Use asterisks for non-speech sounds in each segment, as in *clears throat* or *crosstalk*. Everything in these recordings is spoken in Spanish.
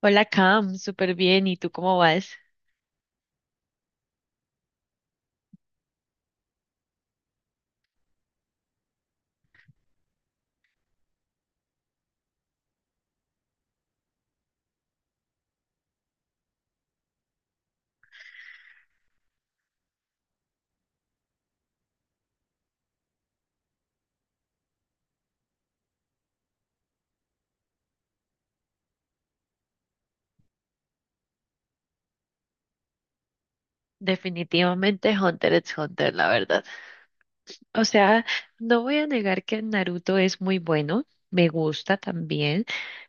Hola Cam, súper bien. ¿Y tú cómo vas? Definitivamente Hunter x Hunter, la verdad. O sea, no voy a negar que Naruto es muy bueno, me gusta también,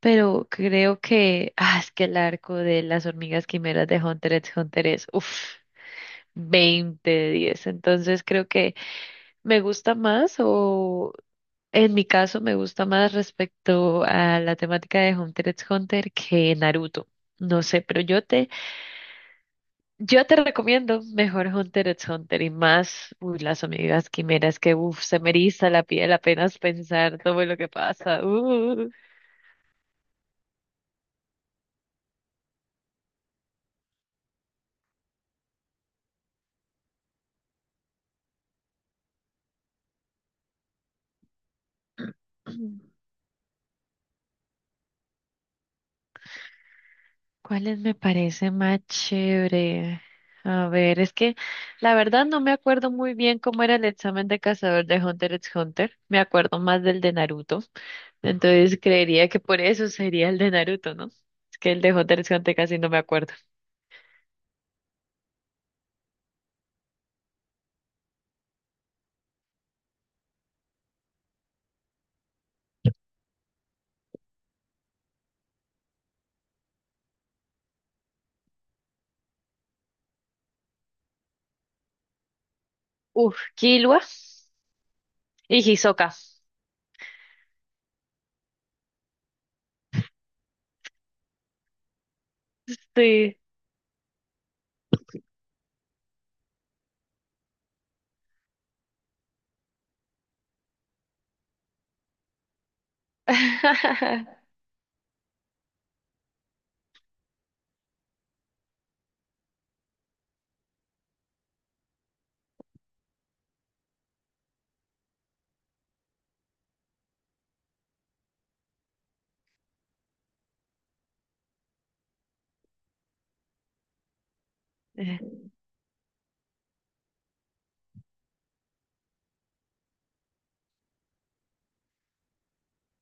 pero creo que, ah, es que el arco de las hormigas quimeras de Hunter x Hunter es, uff, 20 de 10. Entonces creo que me gusta más o... En mi caso me gusta más respecto a la temática de Hunter x Hunter que Naruto. No sé, pero yo te recomiendo mejor Hunter x Hunter y más, uy, las amigas quimeras que, uff, se me eriza la piel apenas pensar todo lo que pasa. *clears throat* ¿Cuáles me parece más chévere? A ver, es que la verdad no me acuerdo muy bien cómo era el examen de cazador de Hunter x Hunter. Me acuerdo más del de Naruto. Entonces creería que por eso sería el de Naruto, ¿no? Es que el de Hunter x Hunter casi no me acuerdo. Uf, Killua y Hisoka. Sí. *laughs* Eh,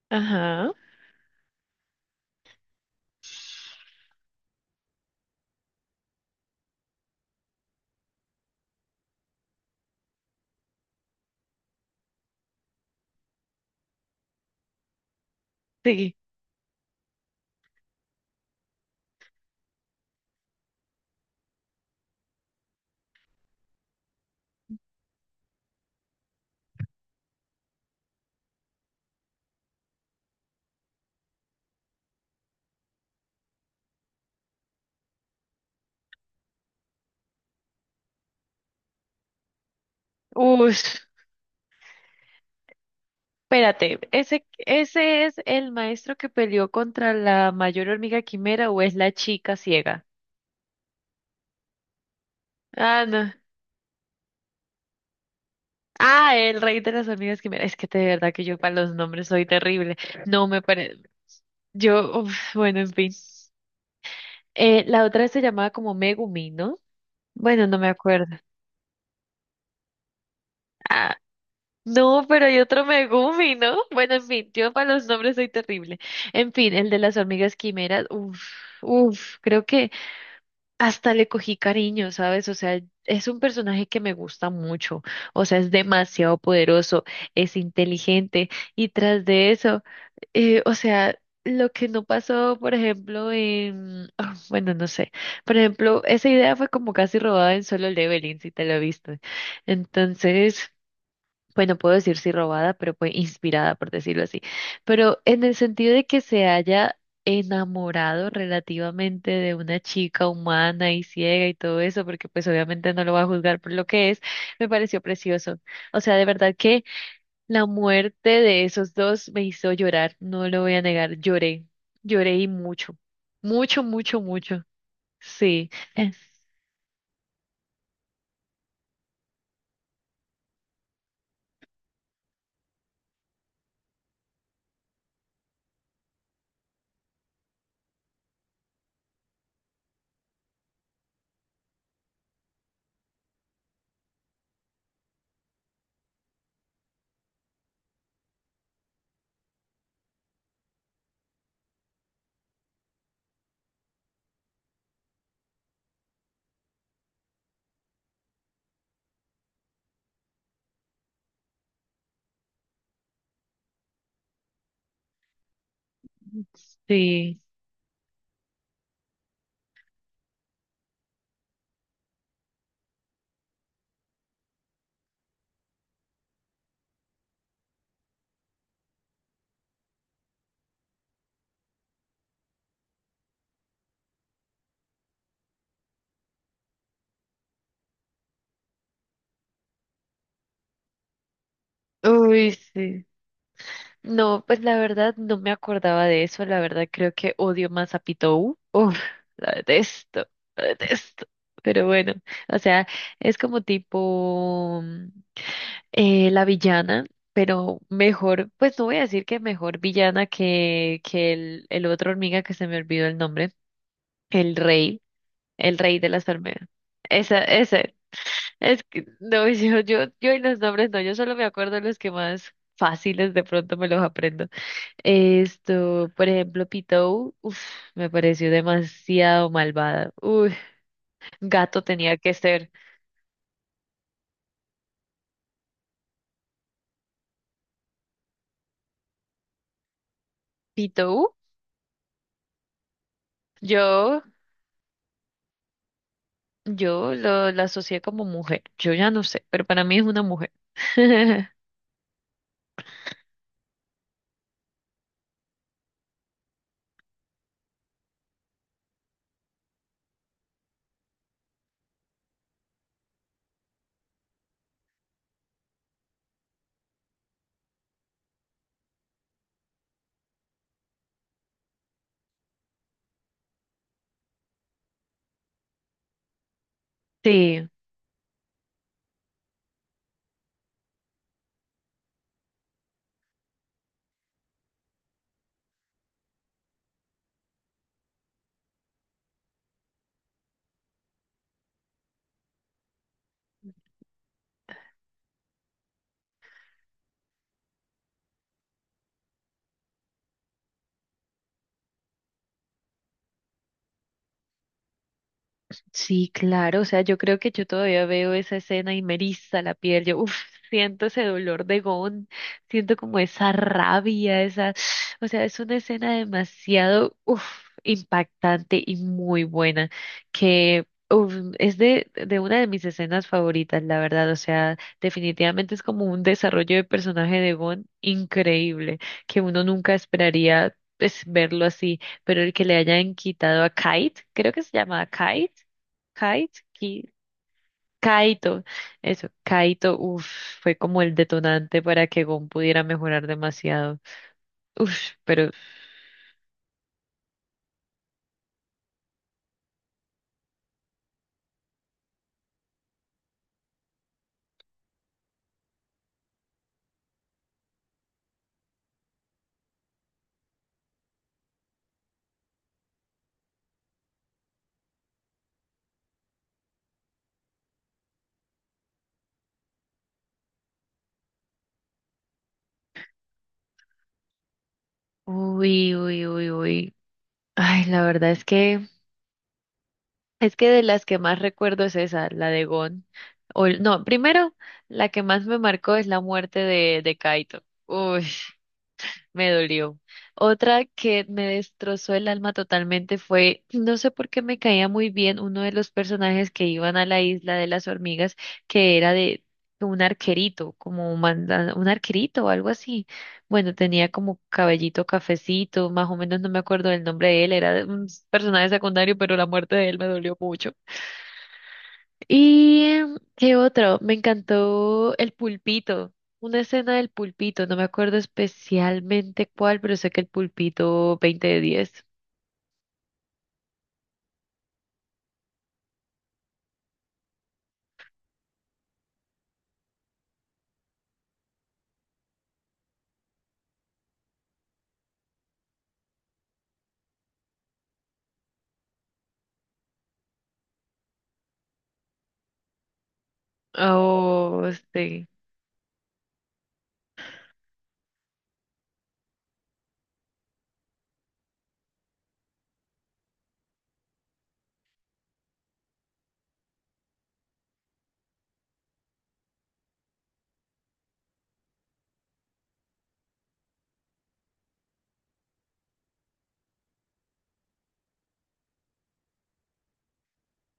Ajá, sí. Uy, espérate, ¿ese es el maestro que peleó contra la mayor hormiga quimera o es la chica ciega? Ah, no. Ah, el rey de las hormigas quimera. Es que de verdad que yo para los nombres soy terrible. No me parece. Yo, uf, bueno, en fin. La otra se llamaba como Megumi, ¿no? Bueno, no me acuerdo. Ah, no, pero hay otro Megumi, ¿no? Bueno, en fin, yo para los nombres soy terrible. En fin, el de las hormigas quimeras, uff, creo que hasta le cogí cariño, ¿sabes? O sea, es un personaje que me gusta mucho, o sea, es demasiado poderoso, es inteligente y tras de eso, o sea, lo que no pasó, por ejemplo, en, ah, bueno, no sé, por ejemplo, esa idea fue como casi robada en Solo Leveling, si te lo viste. Entonces pues no puedo decir si robada, pero pues inspirada, por decirlo así. Pero en el sentido de que se haya enamorado relativamente de una chica humana y ciega y todo eso, porque pues obviamente no lo va a juzgar por lo que es, me pareció precioso. O sea, de verdad que la muerte de esos dos me hizo llorar, no lo voy a negar, lloré, lloré y mucho, mucho, mucho, mucho. Sí, Eh, sí. Uy, sí. No, pues la verdad no me acordaba de eso. La verdad creo que odio más a Pitou. *laughs* Uf, la detesto, la detesto. Pero bueno, o sea, es como tipo la villana, pero mejor, pues no voy a decir que mejor villana que, que el otro hormiga que se me olvidó el nombre, el rey, el rey de las hormigas. Esa, ese. Es que, no, *laughs* yo y los nombres no, yo solo me acuerdo los que más fáciles de pronto me los aprendo. Esto, por ejemplo, Pitou, uf, me pareció demasiado malvada. Uy, gato tenía que ser. Pitou, yo, yo la asocié como mujer. Yo ya no sé, pero para mí es una mujer. *laughs* Sí. Sí, claro, o sea, yo creo que yo todavía veo esa escena y me eriza la piel, yo uf, siento ese dolor de Gon, siento como esa rabia, esa, o sea, es una escena demasiado uf, impactante y muy buena, que uf, es de una de mis escenas favoritas, la verdad, o sea, definitivamente es como un desarrollo de personaje de Gon increíble, que uno nunca esperaría pues, verlo así, pero el que le hayan quitado a Kite, creo que se llama Kite. Kite, Ki- Kaito, eso, Kaito, uff, fue como el detonante para que Gon pudiera mejorar demasiado. Uff, pero, uy, uy, uy, uy. Ay, la verdad es que de las que más recuerdo es esa, la de Gon. O, no, primero, la que más me marcó es la muerte de Kaito. Uy, me dolió. Otra que me destrozó el alma totalmente fue, no sé por qué me caía muy bien uno de los personajes que iban a la isla de las hormigas, que era de un arquerito, como un, un arquerito o algo así. Bueno, tenía como cabellito cafecito, más o menos no me acuerdo del nombre de él, era un personaje secundario, pero la muerte de él me dolió mucho. ¿Y qué otro? Me encantó el pulpito, una escena del pulpito, no me acuerdo especialmente cuál, pero sé que el pulpito 20 de 10. Oh, sí,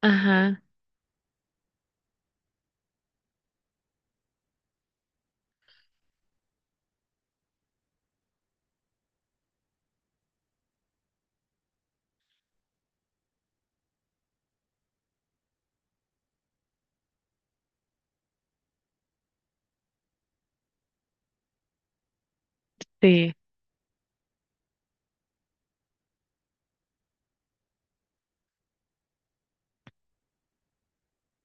ajá, sí,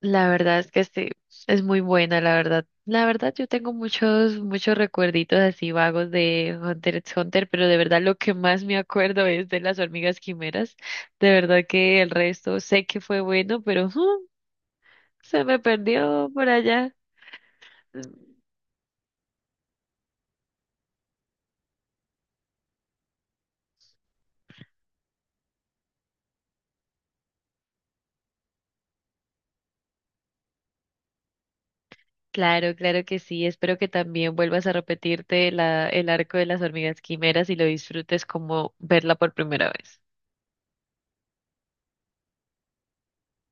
la verdad es que sí, es muy buena, la verdad. La verdad yo tengo muchos, muchos recuerditos así vagos de Hunter x Hunter, pero de verdad lo que más me acuerdo es de las hormigas quimeras. De verdad que el resto sé que fue bueno, pero ujú, se me perdió por allá. Claro, claro que sí. Espero que también vuelvas a repetirte el arco de las hormigas quimeras y lo disfrutes como verla por primera vez.